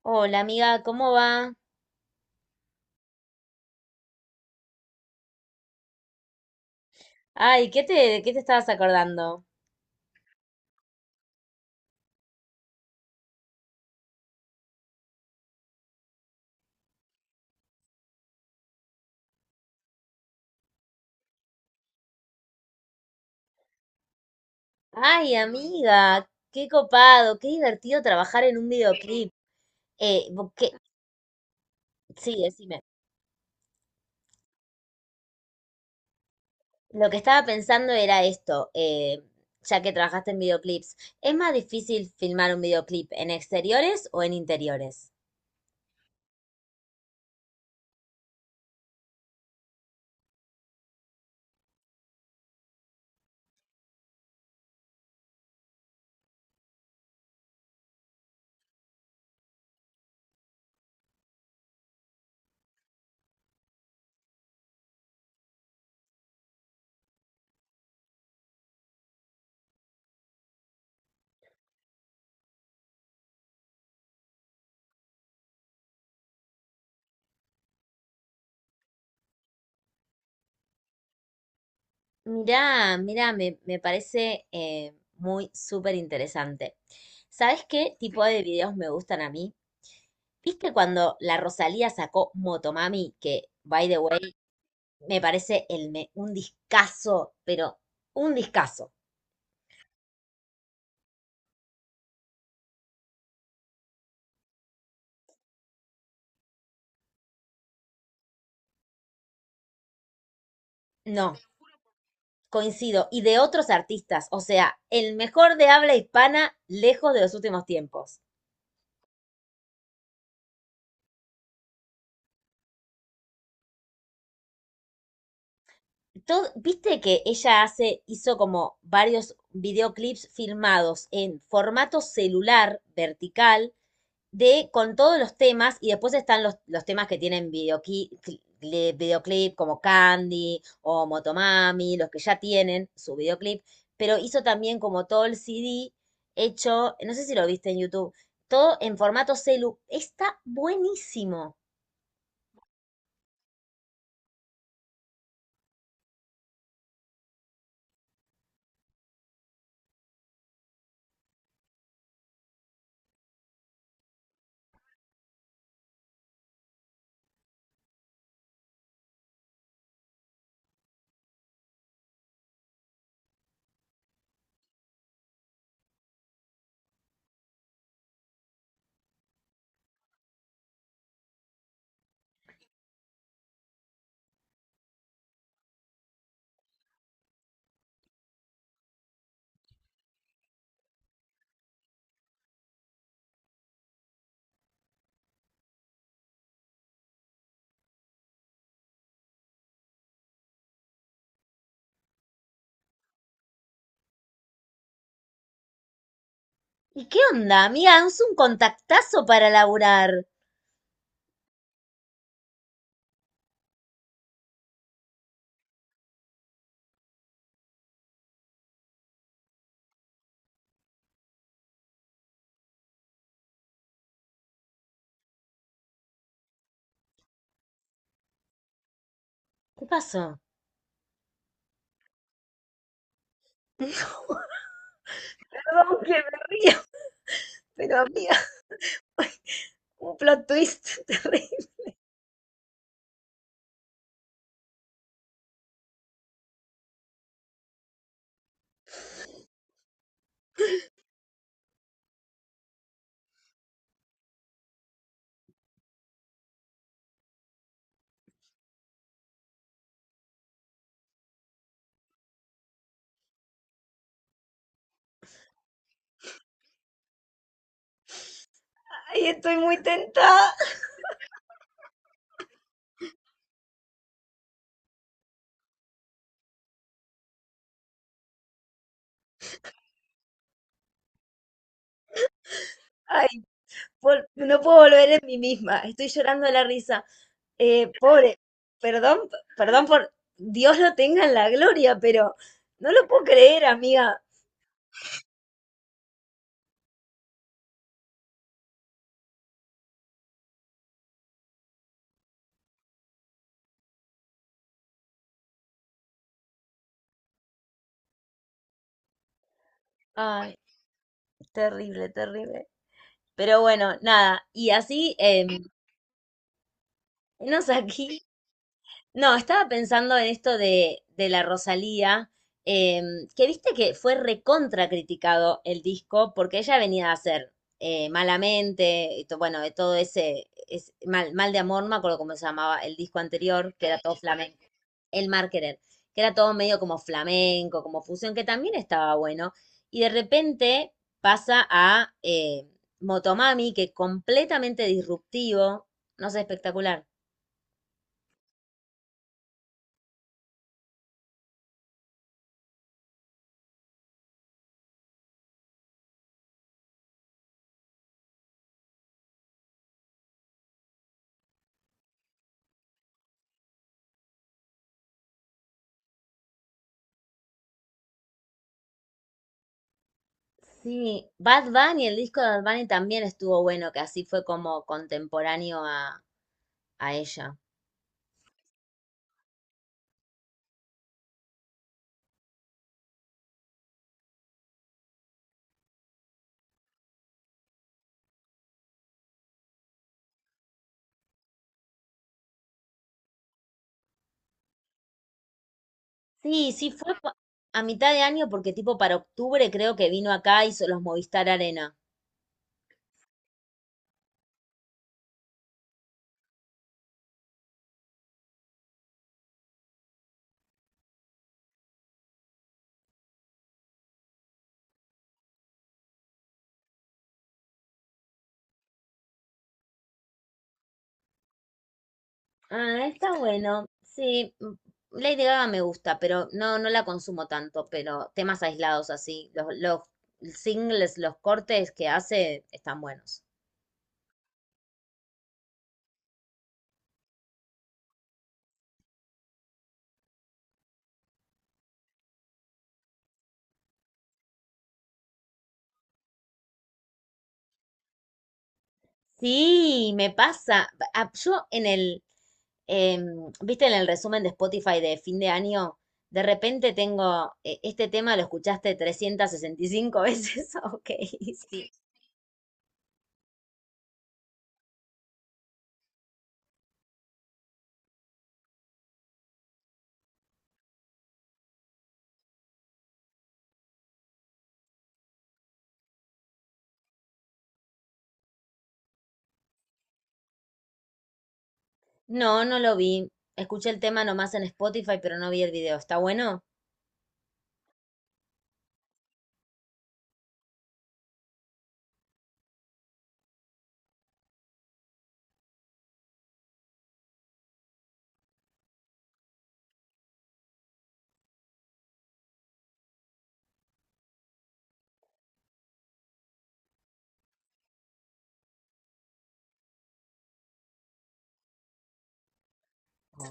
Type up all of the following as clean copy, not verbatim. Hola amiga, ¿cómo va? Ay, ¿de qué te estabas acordando? Ay, amiga, qué copado, qué divertido trabajar en un videoclip. ¿Qué? Sí, decime. Lo que estaba pensando era esto, ya que trabajaste en videoclips. ¿Es más difícil filmar un videoclip en exteriores o en interiores? Mirá, me parece muy súper interesante. ¿Sabes qué tipo de videos me gustan a mí? ¿Viste cuando la Rosalía sacó Motomami? Que, by the way, me parece un discazo, pero un discazo. No, coincido. Y de otros artistas, o sea, el mejor de habla hispana lejos de los últimos tiempos. Todo, ¿viste que hizo como varios videoclips filmados en formato celular vertical? De con todos los temas, y después están los temas que tienen videoclip, videoclip como Candy o Motomami, los que ya tienen su videoclip, pero hizo también como todo el CD hecho, no sé si lo viste en YouTube, todo en formato celu, está buenísimo. ¿Y qué onda, amiga? Es un contactazo para laburar. ¿Qué pasó? No, perdón que me río, pero amiga, un plot twist terrible. Ay, estoy muy tentada. Ay, no puedo volver en mí misma, estoy llorando de la risa. Pobre, perdón, perdón, por Dios lo tenga en la gloria, pero no lo puedo creer, amiga. Ay, terrible, terrible. Pero bueno, nada, y así, enos aquí. No, estaba pensando en esto de la Rosalía, eh, que viste que fue recontra criticado el disco porque ella venía a hacer Malamente, bueno, de todo ese, es mal de amor, no me acuerdo cómo se llamaba el disco anterior, que era todo flamenco. El Mar Querer, que era todo medio como flamenco, como fusión, que también estaba bueno. Y de repente pasa a Motomami, que completamente disruptivo, no sé, espectacular. Sí, Bad Bunny, el disco de Bad Bunny también estuvo bueno, que así fue como contemporáneo a ella. Sí, sí, a mitad de año, porque tipo para octubre creo que vino acá, hizo los Movistar Arena. Ah, está bueno. Sí, mm. Lady Gaga me gusta, pero no, no la consumo tanto, pero temas aislados así, los singles, los cortes que hace están buenos. Sí, me pasa. Ah, Yo en el, em, viste, en el resumen de Spotify de fin de año, de repente tengo, este tema lo escuchaste 365 veces. Ok, sí. No, no lo vi. Escuché el tema nomás en Spotify, pero no vi el video. ¿Está bueno? No,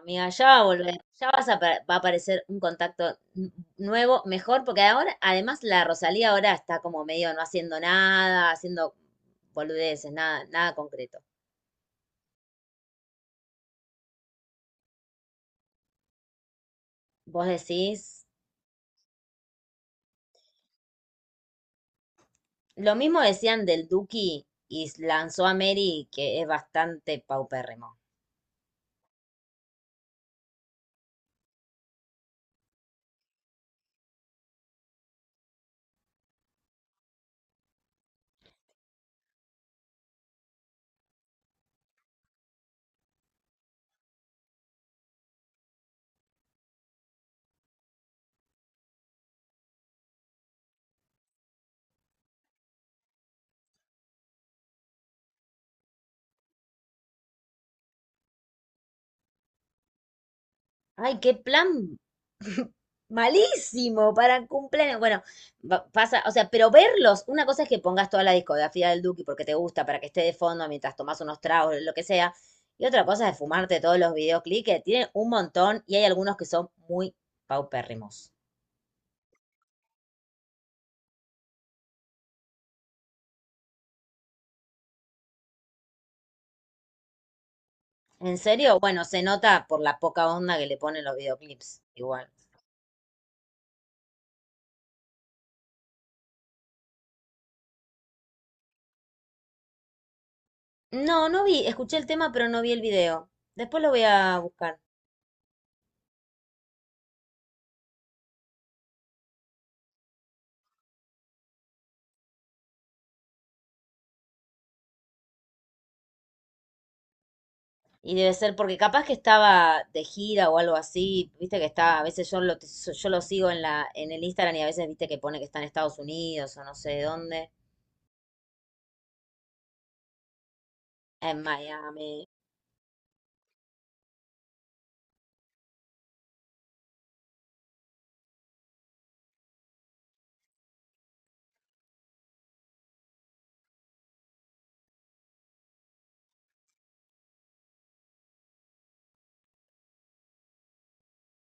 amiga, ya va a volver, ya va a aparecer un nuevo, mejor, porque ahora, además, la Rosalía ahora está como medio no haciendo nada, haciendo boludeces, nada, nada concreto. Vos decís, lo mismo decían del Duki y lanzó a Mary, que es bastante paupérrimo. Ay, qué plan malísimo para cumpleaños. Bueno, pasa, o sea, pero verlos, una cosa es que pongas toda la discografía del Duki porque te gusta, para que esté de fondo mientras tomas unos tragos, lo que sea. Y otra cosa es fumarte todos los videoclips, que tienen un montón y hay algunos que son muy paupérrimos. En serio, bueno, se nota por la poca onda que le ponen los videoclips, igual. No, no vi, escuché el tema, pero no vi el video. Después lo voy a buscar. Y debe ser porque capaz que estaba de gira o algo así, viste que está, a veces yo lo sigo en en el Instagram y a veces viste que pone que está en Estados Unidos o no sé dónde, en Miami.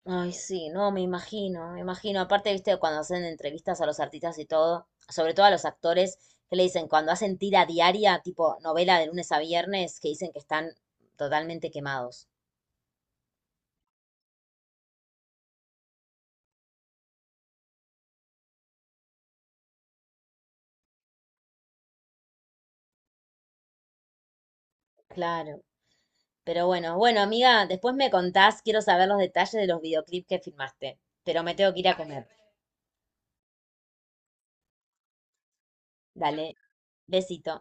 Ay, sí, no, me imagino, me imagino. Aparte, viste, cuando hacen entrevistas a los artistas y todo, sobre todo a los actores, que le dicen, cuando hacen tira diaria, tipo novela de lunes a viernes, que dicen que están totalmente quemados. Claro. Pero bueno, bueno, amiga, después me contás, quiero saber los detalles de los videoclips que filmaste, pero me tengo que ir a comer. Dale, besito.